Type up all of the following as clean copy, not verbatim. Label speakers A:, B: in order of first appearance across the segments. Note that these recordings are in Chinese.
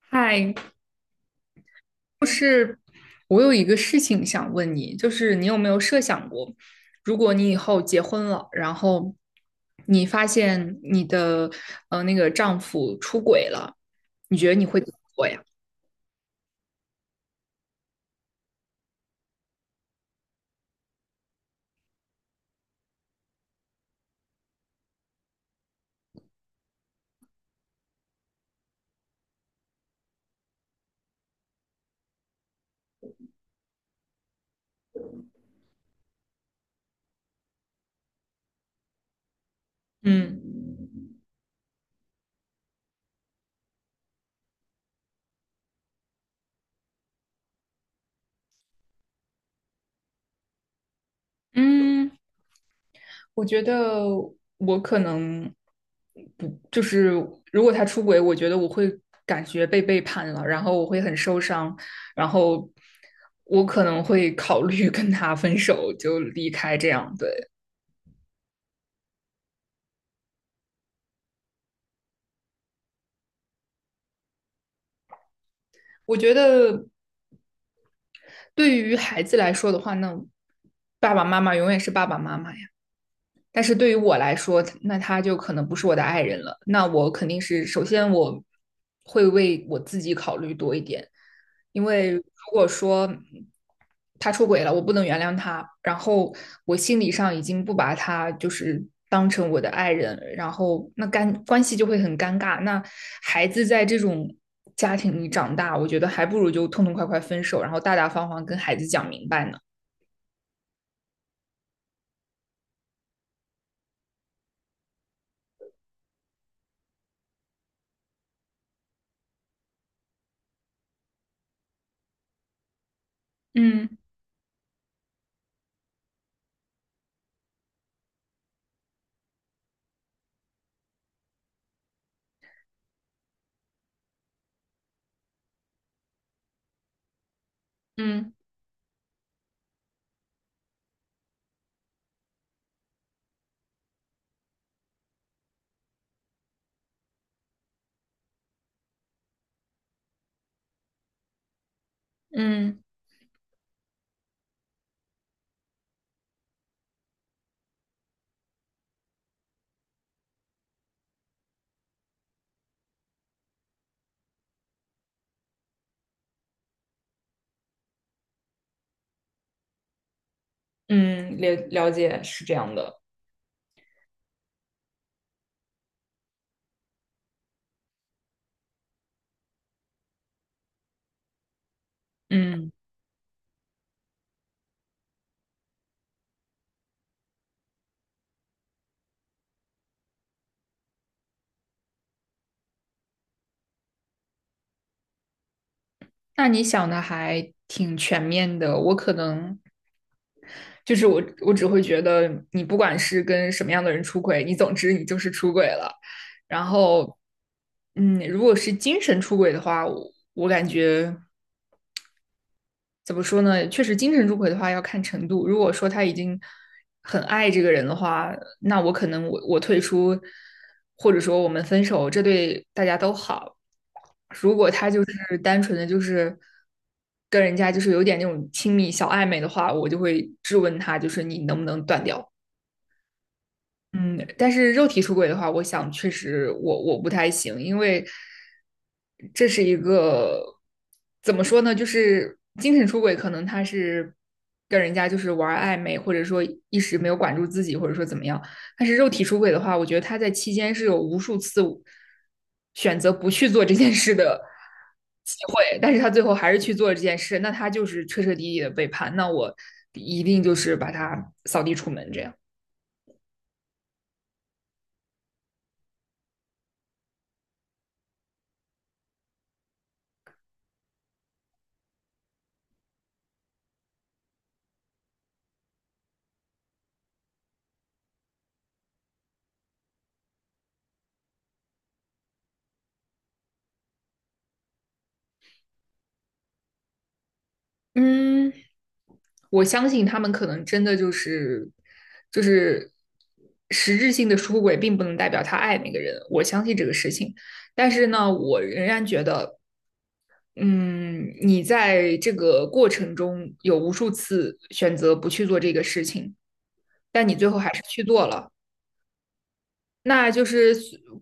A: 嗨，就是我有一个事情想问你，就是你有没有设想过，如果你以后结婚了，然后你发现你的丈夫出轨了，你觉得你会怎么做呀？嗯。嗯，我觉得我可能不，就是如果他出轨，我觉得我会感觉被背叛了，然后我会很受伤，然后我可能会考虑 跟他分手，就离开这样。对，我觉得对于孩子来说的话，那爸爸妈妈永远是爸爸妈妈，但是对于我来说，那他就可能不是我的爱人了。那我肯定是首先我会为我自己考虑多一点，因为如果说他出轨了，我不能原谅他，然后我心理上已经不把他当成我的爱人，然后那干关系就会很尴尬。那孩子在这种家庭里长大，我觉得还不如就痛痛快快分手，然后大大方方跟孩子讲明白呢。嗯嗯嗯。嗯，了解是这样的，嗯，那你想的还挺全面的。我可能就是我，我只会觉得你不管是跟什么样的人出轨，你总之你就是出轨了。然后，嗯，如果是精神出轨的话，我感觉怎么说呢？确实，精神出轨的话要看程度。如果说他已经很爱这个人的话，那我可能我退出，或者说我们分手，这对大家都好。如果他单纯的跟人家有点那种亲密小暧昧的话，我就会质问他，就是你能不能断掉？嗯，但是肉体出轨的话，我想确实我不太行，因为这是一个怎么说呢，就是精神出轨，可能他是跟人家玩暧昧，或者说一时没有管住自己，或者说怎么样。但是肉体出轨的话，我觉得他在期间是有无数次选择不去做这件事的机会，但是他最后还是去做了这件事，那他就是彻彻底底的背叛，那我一定把他扫地出门这样。嗯，我相信他们可能真的就是实质性的出轨，并不能代表他爱那个人。我相信这个事情，但是呢，我仍然觉得，嗯，你在这个过程中有无数次选择不去做这个事情，但你最后还是去做了。那就是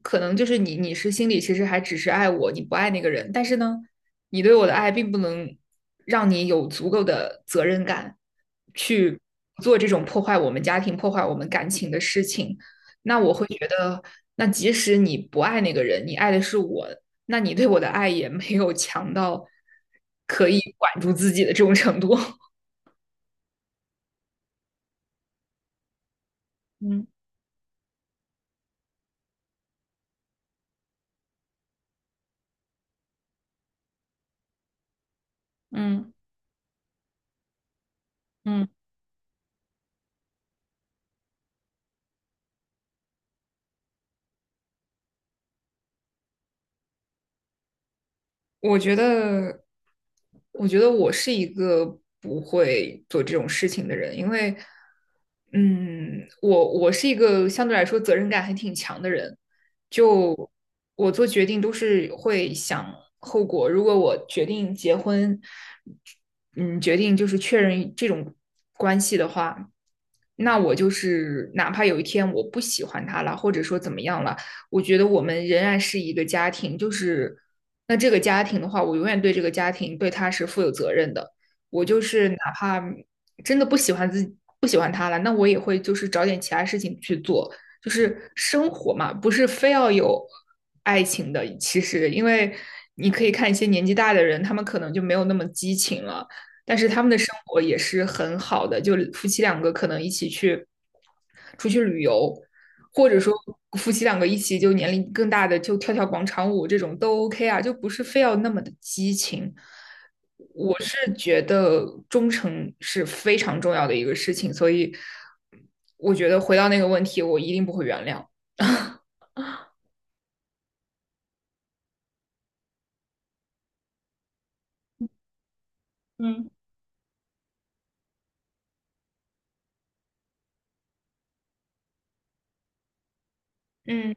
A: 可能你是心里其实还只是爱我，你不爱那个人，但是呢，你对我的爱并不能让你有足够的责任感去做这种破坏我们家庭、破坏我们感情的事情。那我会觉得，那即使你不爱那个人，你爱的是我，那你对我的爱也没有强到可以管住自己的这种程度。嗯嗯嗯，我觉得，我觉得我是一个不会做这种事情的人，因为，嗯，我是一个相对来说责任感还挺强的人，就我做决定都是会想后果。如果我决定结婚，嗯，决定就是确认这种关系的话，那我就是哪怕有一天我不喜欢他了，或者说怎么样了。我觉得我们仍然是一个家庭，就是那这个家庭的话，我永远对这个家庭对他是负有责任的。我就是哪怕真的不喜欢自己不喜欢他了，那我也会找点其他事情去做，就是生活嘛，不是非要有爱情的。其实，因为你可以看一些年纪大的人，他们可能就没有那么激情了，但是他们的生活也是很好的，就夫妻两个可能一起去出去旅游，或者说夫妻两个一起就年龄更大的就跳跳广场舞这种都 OK 啊，就不是非要那么的激情。我是觉得忠诚是非常重要的一个事情，所以我觉得回到那个问题，我一定不会原谅。嗯嗯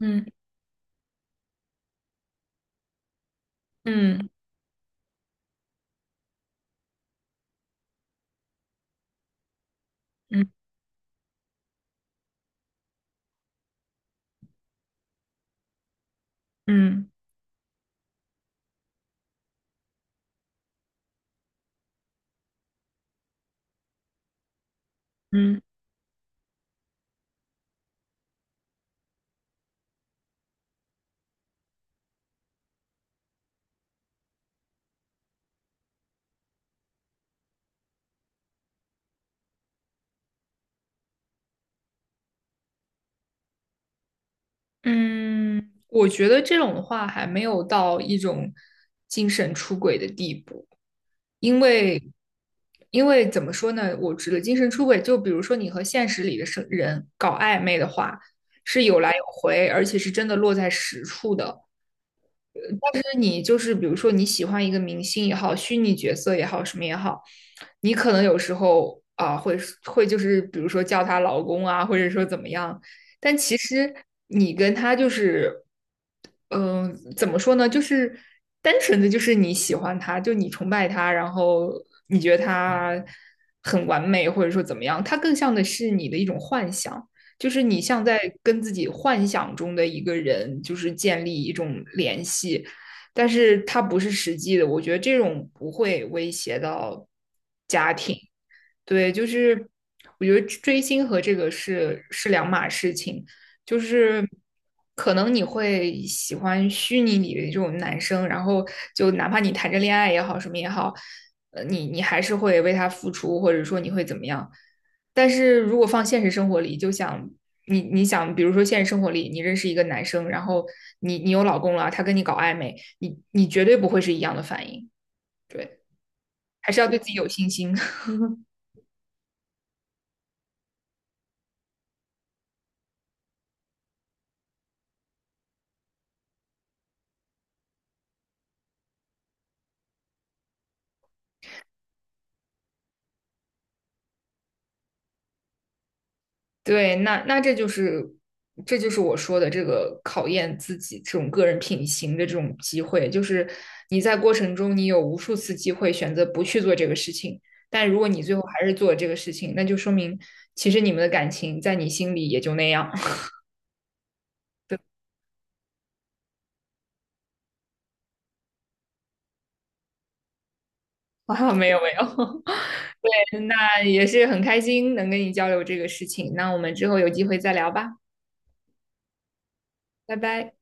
A: 嗯嗯嗯嗯嗯嗯，我觉得这种的话还没有到一种精神出轨的地步。因为因为怎么说呢，我指的精神出轨，就比如说你和现实里的生人搞暧昧的话，是有来有回，而且是真的落在实处的。但是你就是比如说你喜欢一个明星也好，虚拟角色也好，什么也好，你可能有时候啊会就是比如说叫他老公啊，或者说怎么样，但其实你跟他就是，嗯、怎么说呢？就是单纯的就是你喜欢他，就你崇拜他，然后你觉得他很完美，或者说怎么样，他更像的是你的一种幻想。就是你像在跟自己幻想中的一个人，就是建立一种联系，但是它不是实际的，我觉得这种不会威胁到家庭，对，就是我觉得追星和这个是两码事情，就是可能你会喜欢虚拟里的这种男生，然后就哪怕你谈着恋爱也好，什么也好，你还是会为他付出，或者说你会怎么样。但是如果放现实生活里，就想你想，比如说现实生活里，你认识一个男生，然后你有老公了，他跟你搞暧昧，你绝对不会是一样的反应，对，还是要对自己有信心。对，那这就是我说的这个考验自己这种个人品行的这种机会，就是你在过程中你有无数次机会选择不去做这个事情，但如果你最后还是做了这个事情，那就说明其实你们的感情在你心里也就那样。啊，没有没有，那也是很开心能跟你交流这个事情，那我们之后有机会再聊吧，拜拜。